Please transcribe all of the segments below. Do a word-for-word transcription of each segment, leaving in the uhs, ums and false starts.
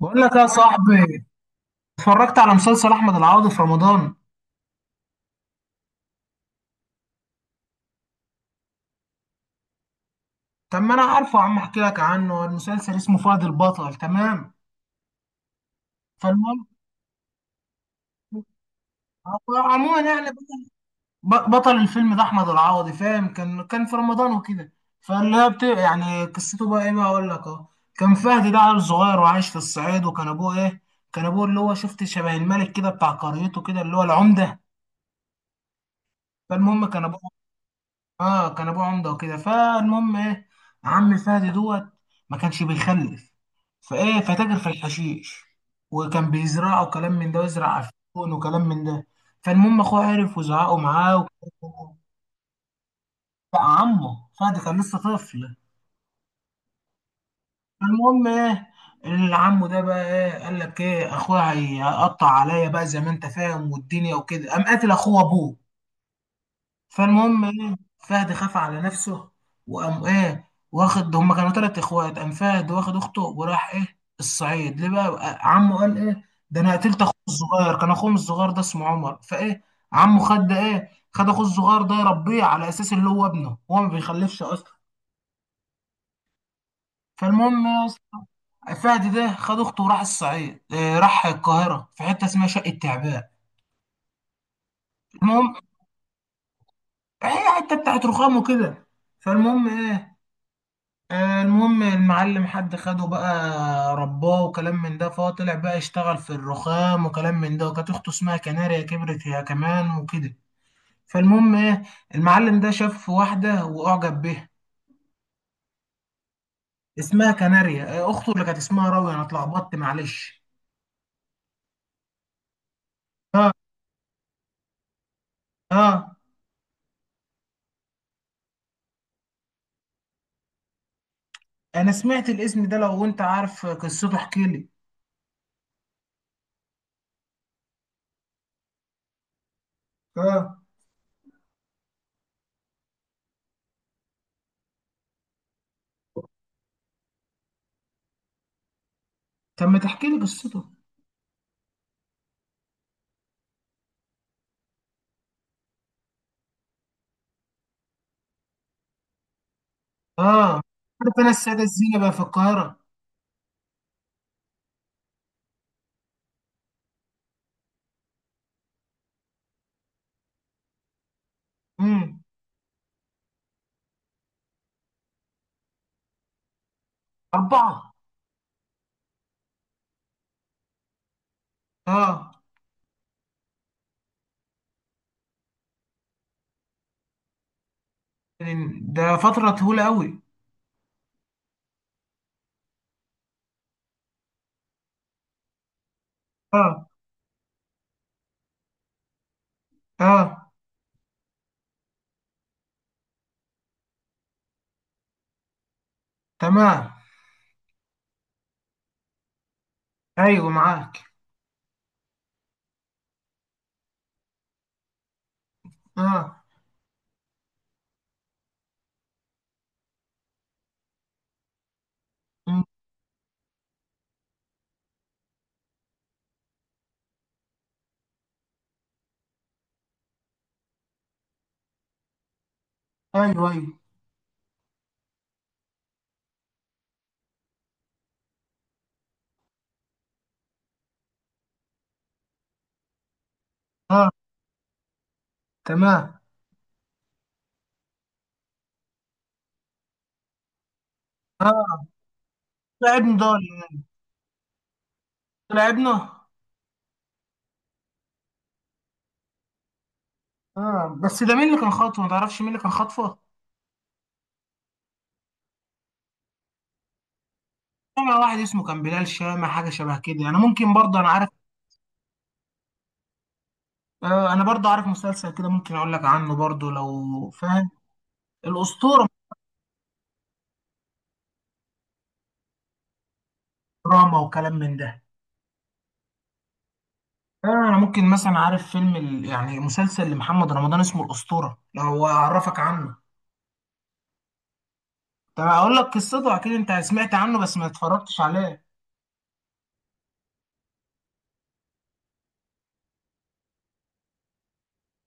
بقول لك يا صاحبي، اتفرجت على مسلسل احمد العوضي في رمضان. طب ما انا عارفه يا عم، احكي لك عنه. المسلسل اسمه فهد البطل، تمام. فالمهم هو عموما يعني ب- بطل الفيلم ده احمد العوضي، فاهم. كان كان في رمضان وكده. فاللي هي بت... يعني قصته بقى ايه؟ بقى اقول لك اهو. كان فهد ده عيل صغير وعايش في الصعيد، وكان ابوه ايه؟ كان ابوه اللي هو شفت شبه الملك كده بتاع قريته كده، اللي هو العمده. فالمهم كان ابوه. اه، كان ابوه عمده وكده. فالمهم ايه؟ عم فهد دوت ما كانش بيخلف، فايه؟ فتاجر في الحشيش، وكان بيزرعه وكلام من ده، ويزرع عفون وكلام من ده. فالمهم اخوه عرف وزعقه معاه وكلام. بقى عمه، فهد كان لسه طفل. المهم ايه؟ العم ده بقى ايه؟ قال لك ايه، اخويا هيقطع عليا بقى، زي ما انت فاهم والدنيا وكده، قام قاتل اخوه ابوه. فالمهم ايه؟ فهد خاف على نفسه، وقام ايه واخد، هما كانوا تلات اخوات، قام فهد واخد اخته وراح ايه الصعيد. ليه بقى؟ عمه قال ايه؟ ده انا قتلت اخوه الصغير. كان اخوهم الصغير ده اسمه عمر، فايه؟ عمه خد ايه، خد اخوه الصغير ده يربيه على اساس اللي هو ابنه، هو ما بيخلفش اصلا. فالمهم يا اسطى، فهد ده خد اخته وراح الصعيد. إيه، راح القاهره في حته اسمها شقه تعبان. المهم هي حته بتاعت رخام وكده. فالمهم ايه؟ آه، المهم المعلم، حد خده بقى رباه وكلام من ده، فهو طلع بقى يشتغل في الرخام وكلام من ده. وكانت اخته اسمها كناريا، كبرت هي كمان وكده. فالمهم ايه؟ المعلم ده شاف واحدة واعجب بيها اسمها كناريا. آه، اخته اللي كانت اسمها راوي، انا اتلخبطت معلش. اه. اه، انا سمعت الاسم ده، لو انت عارف قصته احكي لي. اه. طب ما تحكي لي قصته. اه. عارف انا السادة الزينة بقى في القاهرة. امم اربعة. اه. ده فترة طويلة أوي. اه. اه. تمام. أيوه معاك. اه. أم، أيوه أيوه. اه. تمام. اه. لعبنا دول. لعبنا. اه، بس ده مين اللي كان خاطفه؟ ما تعرفش مين اللي كان خاطفه؟ طبعا. واحد اسمه كان بلال شامة، حاجة شبه كده، أنا ممكن برضه أنا عارف. آه، أنا برضه عارف مسلسل كده، ممكن أقول لك عنه برضه لو فاهم. الأسطورة. دراما وكلام من ده. آه، أنا ممكن مثلا عارف فيلم ال... يعني مسلسل لمحمد رمضان اسمه الأسطورة، لو أعرفك عنه. طب هقول لك قصته. اكيد انت سمعت عنه بس ما اتفرجتش عليه.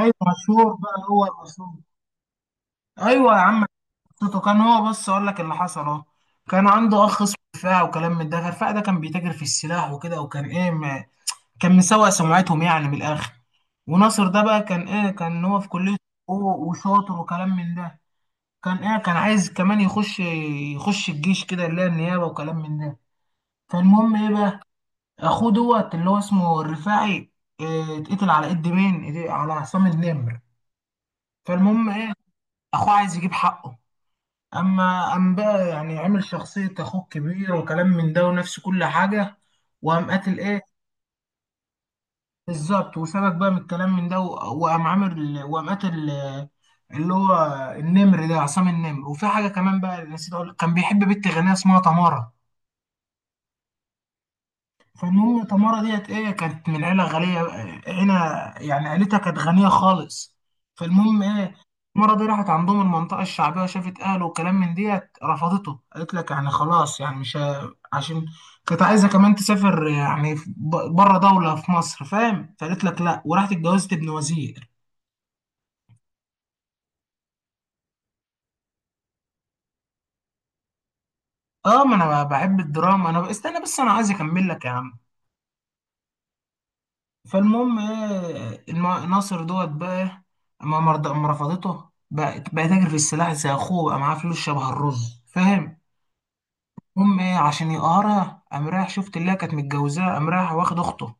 ايوه. مشهور بقى، هو مشهور. ايوه يا عم. قصته كان هو، بص اقول لك اللي حصل اهو. كان عنده اخ اسمه رفاعي وكلام من ده. رفاعي ده كان بيتاجر في السلاح وكده، وكان ايه، ما كان مسوق سمعتهم يعني من الاخر. وناصر ده بقى كان ايه، كان هو في كلية حقوق وشاطر وكلام من ده. كان ايه، كان عايز كمان يخش، يخش الجيش كده اللي هي النيابة وكلام من ده. فالمهم ايه بقى، اخوه دوت اللي هو اسمه الرفاعي، آه، اتقتل على ايد مين؟ إيد- على عصام النمر. فالمهم ايه، اخوه عايز يجيب حقه. اما قام بقى، يعني عمل شخصية اخوه كبير وكلام من ده ونفس كل حاجة، وقام قاتل ايه. بالظبط، وسبك بقى من الكلام من ده و- وقام عامل، وقام قاتل آه، اللي هو النمر ده، عصام النمر. وفي حاجة كمان بقى نسيت اقول، كان بيحب بنت غنية اسمها تمارا. فالمهم تمارا ديت ايه، كانت من عيلة غنية. عيلة، يعني عيلتها كانت غنية خالص. فالمهم ايه، تمارا دي راحت عندهم المنطقة الشعبية وشافت أهله وكلام من ديت، رفضته. قالت لك يعني خلاص، يعني مش ه- عشان كانت عايزة كمان تسافر يعني في- ب- بره دولة في مصر، فاهم. فقالت لك لا، وراحت اتجوزت ابن وزير. اه، ما انا بحب الدراما، انا استنى بس، انا عايز اكمل لك يا عم. فالمهم ايه، الم- ناصر دوت بقى ايه، اما مرض- اما رفضته بقى، بقى تاجر في السلاح زي اخوه، بقى معاه فلوس شبه الرز فاهم. المهم ايه، عشان يقهرها قام رايح، شفت اللي هي كانت متجوزاه، قام رايح واخد اخته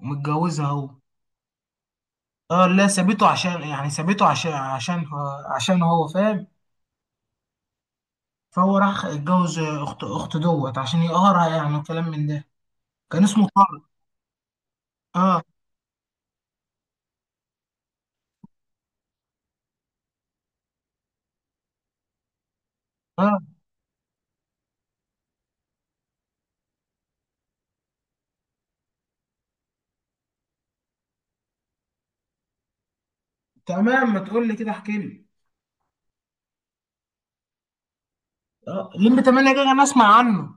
ومتجوزها هو. اه لا، سابته عشان يعني، سابته عشان، عشان عشان هو فاهم. فهو راح اتجوز اخت، اخت دوت عشان يقهرها يعني وكلام من ده. كان اسمه طارق. اه. اه تمام، ما تقول لي كده احكي لي. اه، لمبي تمانية جيجا انا اسمع عنه.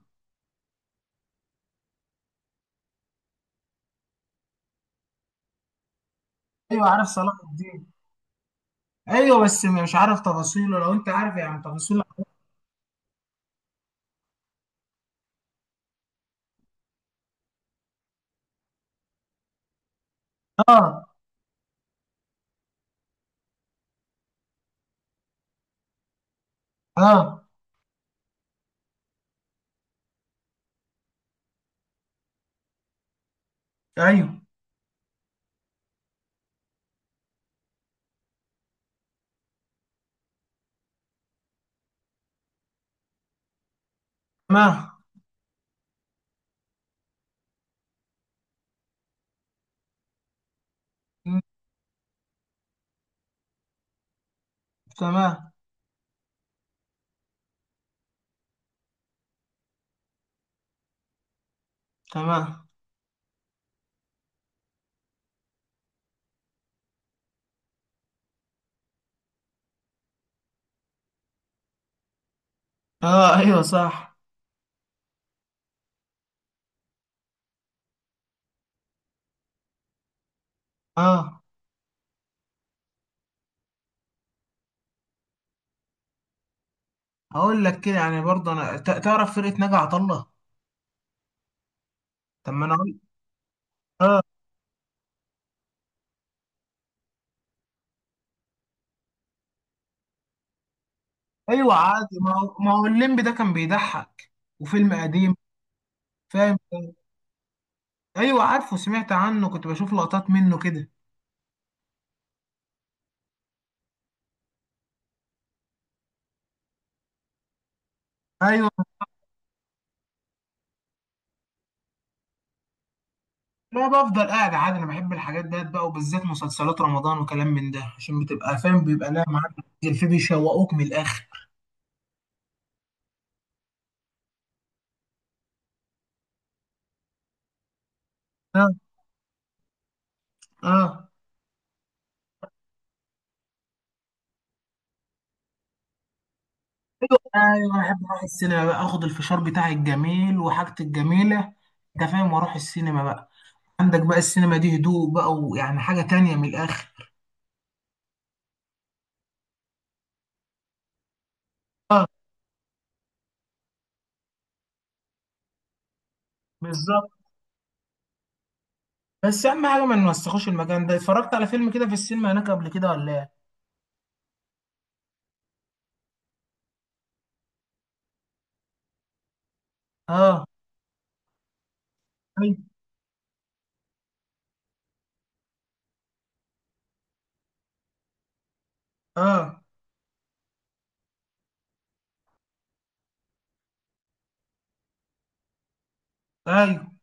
ايوه عارف صلاح الدين. ايوه بس مش عارف تفاصيله، لو انت عارف يعني تفاصيله. اه. اه. ايوه. تمام. مم، تمام. تمام. اه. ايوه صح. اه، هقول لك كده يعني برضه، انا ت- تعرف فرقه ناجي عطا الله. طب ما انا اقول. اه. ايوه عادي، ما هو ما هو الليمبي ده كان بيضحك. وفيلم قديم فاهم. ايوه عارفه، سمعت عنه، كنت بشوف لقطات منه كده. ايوه. لا بفضل قاعد عادي، انا بحب الحاجات ديت بقى وبالذات مسلسلات رمضان وكلام من ده، عشان بتبقى فاهم بيبقى لا معاك. الفي بيشوقوك من الاخر. اه. اه. ايوه بحب اروح السينما بقى، اخد الفشار بتاعي الجميل وحاجتي الجميله، انت فاهم، واروح السينما بقى. عندك بقى السينما دي هدوء بقى، ويعني حاجه تانية من الاخر. بالظبط. بس اهم حاجه ما نوسخوش المكان ده. اتفرجت على فيلم كده في السينما هناك قبل كده ولا ايه؟ اه. أيوة. اه. ايوه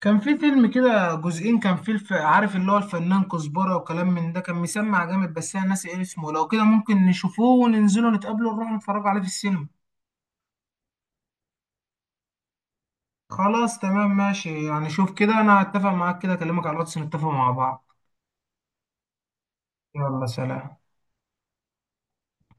كان في فيلم كده جزئين، كان فيه الف... عارف اللي هو الفنان كزبرة وكلام من ده، كان مسمع جامد، بس انا ناسي ايه اسمه. لو كده ممكن نشوفوه وننزله، نتقابله ونروح نتفرج عليه في السينما. خلاص تمام ماشي يعني، شوف كده انا هتفق معاك كده، اكلمك على الواتس نتفق مع بعض. يلا سلام.